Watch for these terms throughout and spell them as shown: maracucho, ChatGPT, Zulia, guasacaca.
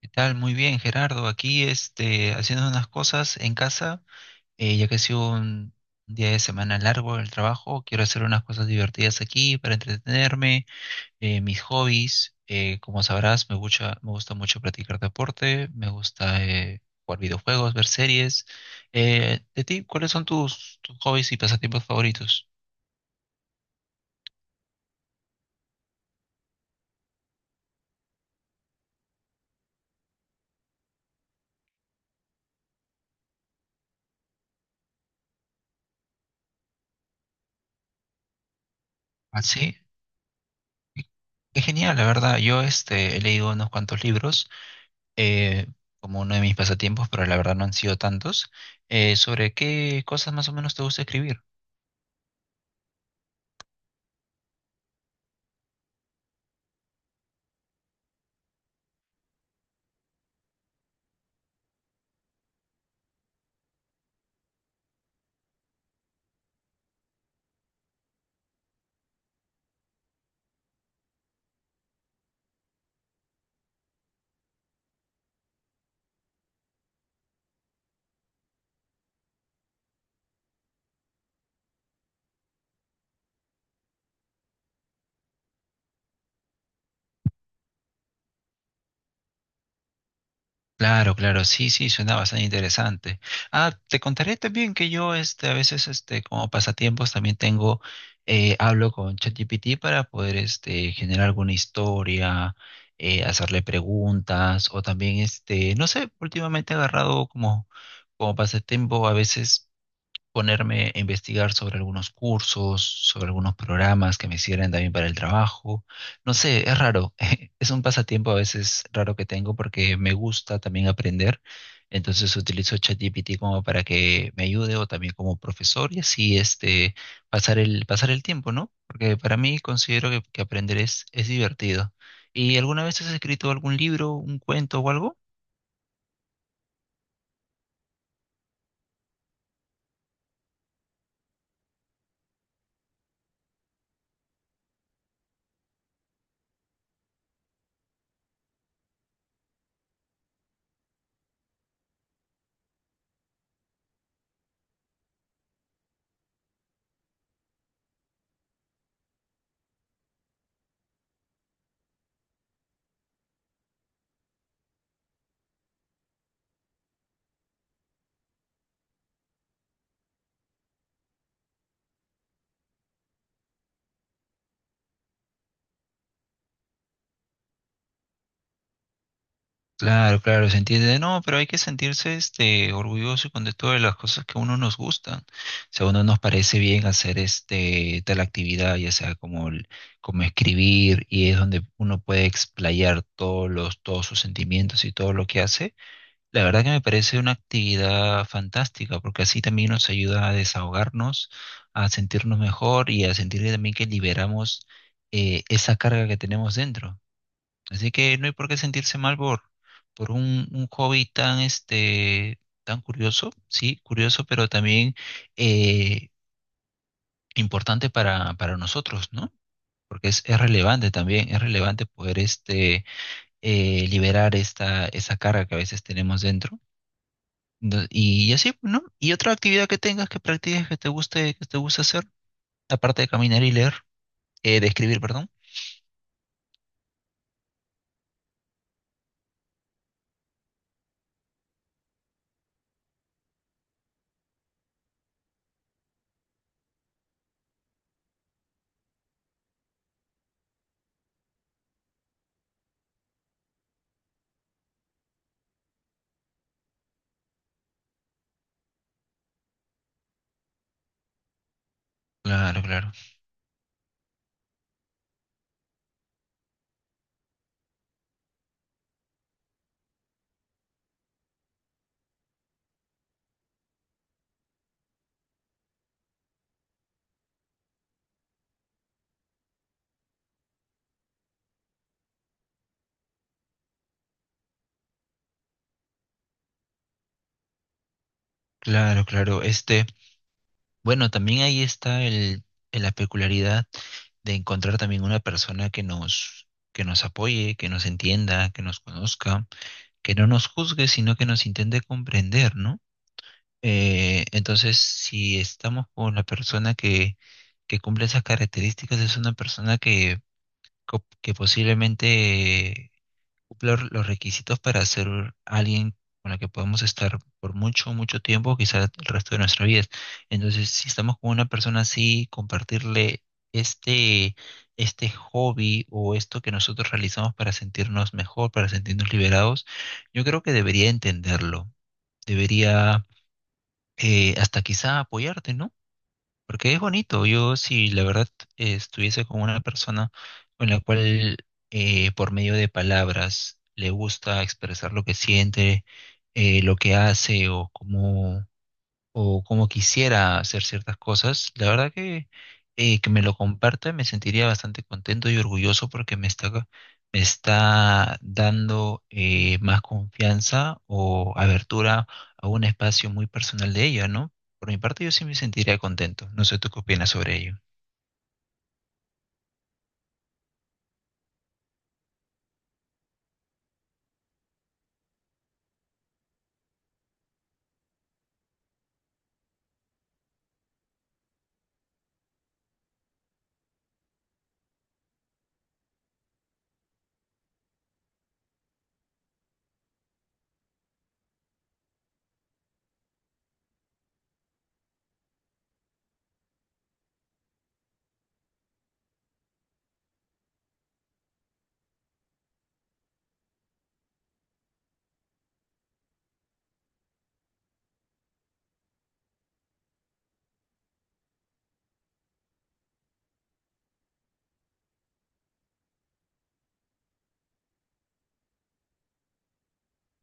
¿Qué tal? Muy bien, Gerardo. Aquí haciendo unas cosas en casa, ya que ha sido un día de semana largo en el trabajo, quiero hacer unas cosas divertidas aquí para entretenerme, mis hobbies. Como sabrás, me gusta mucho practicar deporte, me gusta jugar videojuegos, ver series. De ti, ¿cuáles son tus hobbies y pasatiempos favoritos? Ah, sí. Qué Qué genial, la verdad. Yo he leído unos cuantos libros eh, como uno de mis pasatiempos, pero la verdad no han sido tantos. ¿Sobre qué cosas más o menos te gusta escribir? Claro, claro, sí, sí, suena bastante interesante. Ah, te contaré también que yo, a veces, como pasatiempos también tengo, hablo con ChatGPT para poder, generar alguna historia, hacerle preguntas, o también, no sé, últimamente he agarrado como, como pasatiempo a veces ponerme a investigar sobre algunos cursos, sobre algunos programas que me sirven también para el trabajo. No sé, es raro. Es un pasatiempo a veces raro que tengo porque me gusta también aprender. Entonces utilizo ChatGPT como para que me ayude o también como profesor y así pasar el tiempo, ¿no? Porque para mí considero que aprender es divertido. ¿Y alguna vez has escrito algún libro, un cuento o algo? Claro, claro, se entiende. No, pero hay que sentirse este orgulloso y contento de todas las cosas que a uno nos gustan. Si a uno nos parece bien hacer este tal actividad, ya sea como como escribir, y es donde uno puede explayar todos sus sentimientos y todo lo que hace, la verdad que me parece una actividad fantástica, porque así también nos ayuda a desahogarnos, a sentirnos mejor y a sentir también que liberamos esa carga que tenemos dentro. Así que no hay por qué sentirse mal por un hobby tan, tan curioso, sí, curioso, pero también eh, importante para nosotros, ¿no? Porque es relevante también, es relevante poder liberar esa carga que a veces tenemos dentro. Y, así, pues, ¿no? Y otra actividad que tengas, que practiques, que te guste hacer, aparte de caminar y leer, de escribir, perdón. Claro, claro, claro, claro. Este. Bueno, también ahí está la peculiaridad de encontrar también una persona que nos apoye, que nos entienda, que nos conozca, que no nos juzgue, sino que nos intente comprender, ¿no? Entonces, si estamos con la persona que cumple esas características, es una persona que, que posiblemente cumplir los requisitos para ser alguien con la que podemos estar por mucho, mucho tiempo, quizás el resto de nuestra vida. Entonces, si estamos con una persona así, compartirle este, este hobby o esto que nosotros realizamos para sentirnos mejor, para sentirnos liberados, yo creo que debería entenderlo, debería hasta quizá apoyarte, ¿no? Porque es bonito. Yo, si la verdad estuviese con una persona con la cual por medio de palabras le gusta expresar lo que siente, lo que hace o cómo quisiera hacer ciertas cosas, la verdad que me lo comparta me sentiría bastante contento y orgulloso porque me está dando más confianza o abertura a un espacio muy personal de ella, ¿no? Por mi parte, yo sí me sentiría contento. No sé tú qué opinas sobre ello.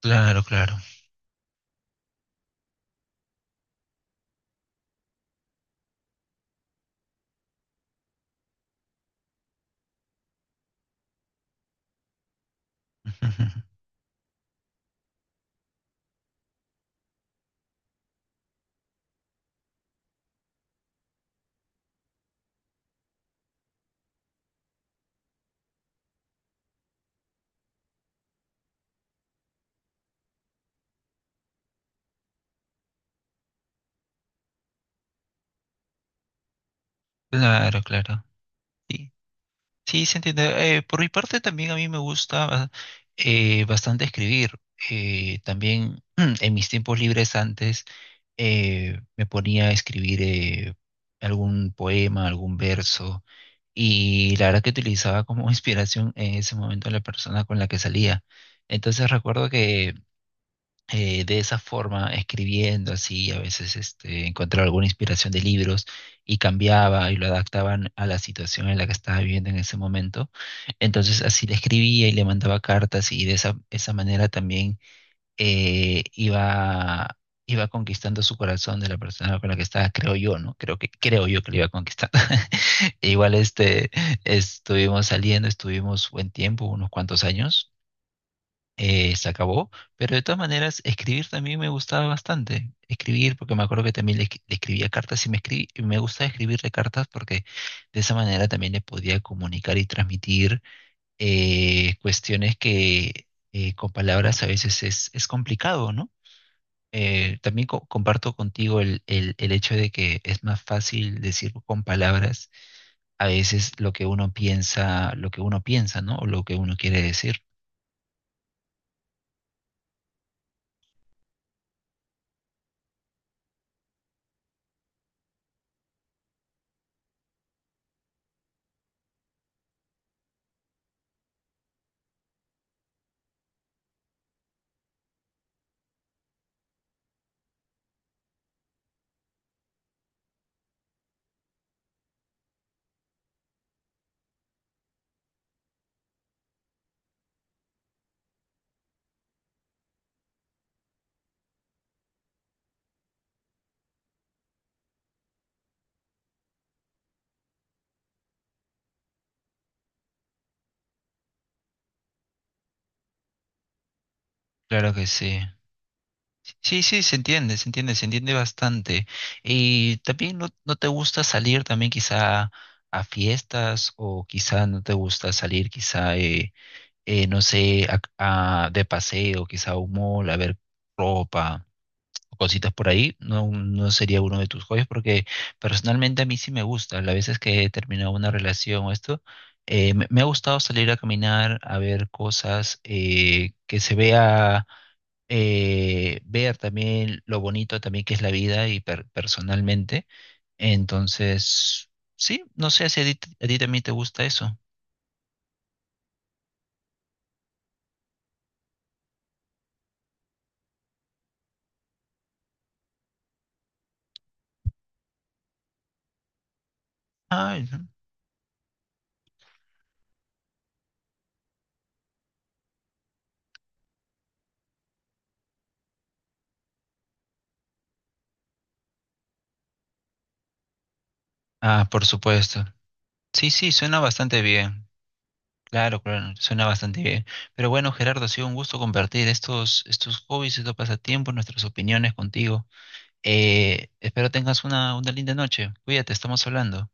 Claro, claro. Claro, claro. Sí. Sí, se entiende. Por mi parte también a mí me gusta bastante escribir. También en mis tiempos libres antes me ponía a escribir algún poema, algún verso y la verdad que utilizaba como inspiración en ese momento a la persona con la que salía. Entonces recuerdo que de esa forma, escribiendo así, a veces encontraba alguna inspiración de libros y cambiaba y lo adaptaban a la situación en la que estaba viviendo en ese momento. Entonces así le escribía y le mandaba cartas y de esa manera también eh, iba, iba conquistando su corazón de la persona con la que estaba, creo yo, ¿no? Creo yo que lo iba conquistando. Igual estuvimos saliendo, estuvimos buen tiempo, unos cuantos años se acabó, pero de todas maneras escribir también me gustaba bastante. Escribir, porque me acuerdo que también le escribía cartas y me gustaba escribirle cartas porque de esa manera también le podía comunicar y transmitir cuestiones que con palabras a veces es complicado, ¿no? También comparto contigo el hecho de que es más fácil decir con palabras a veces lo que uno piensa, lo que uno piensa, ¿no? O lo que uno quiere decir. Claro que sí. Sí, sí, se entiende, se entiende, se entiende bastante. Y también no, no te gusta salir también quizá a fiestas o quizá no te gusta salir quizá, no sé, de paseo, quizá a un mall, a ver ropa o cositas por ahí. No, no sería uno de tus hobbies porque personalmente a mí sí me gusta. Las veces que he terminado una relación o esto, me ha gustado salir a caminar, a ver cosas, que se vea ver también lo bonito también que es la vida y personalmente. Entonces, sí, no sé si a ti también te gusta eso. Ay, no. Ah, por supuesto. Sí, sí, suena bastante bien. Claro, claro, suena bastante bien. Pero bueno, Gerardo, ha sido un gusto compartir estos hobbies, estos pasatiempos, nuestras opiniones contigo. Espero tengas una linda noche. Cuídate, estamos hablando.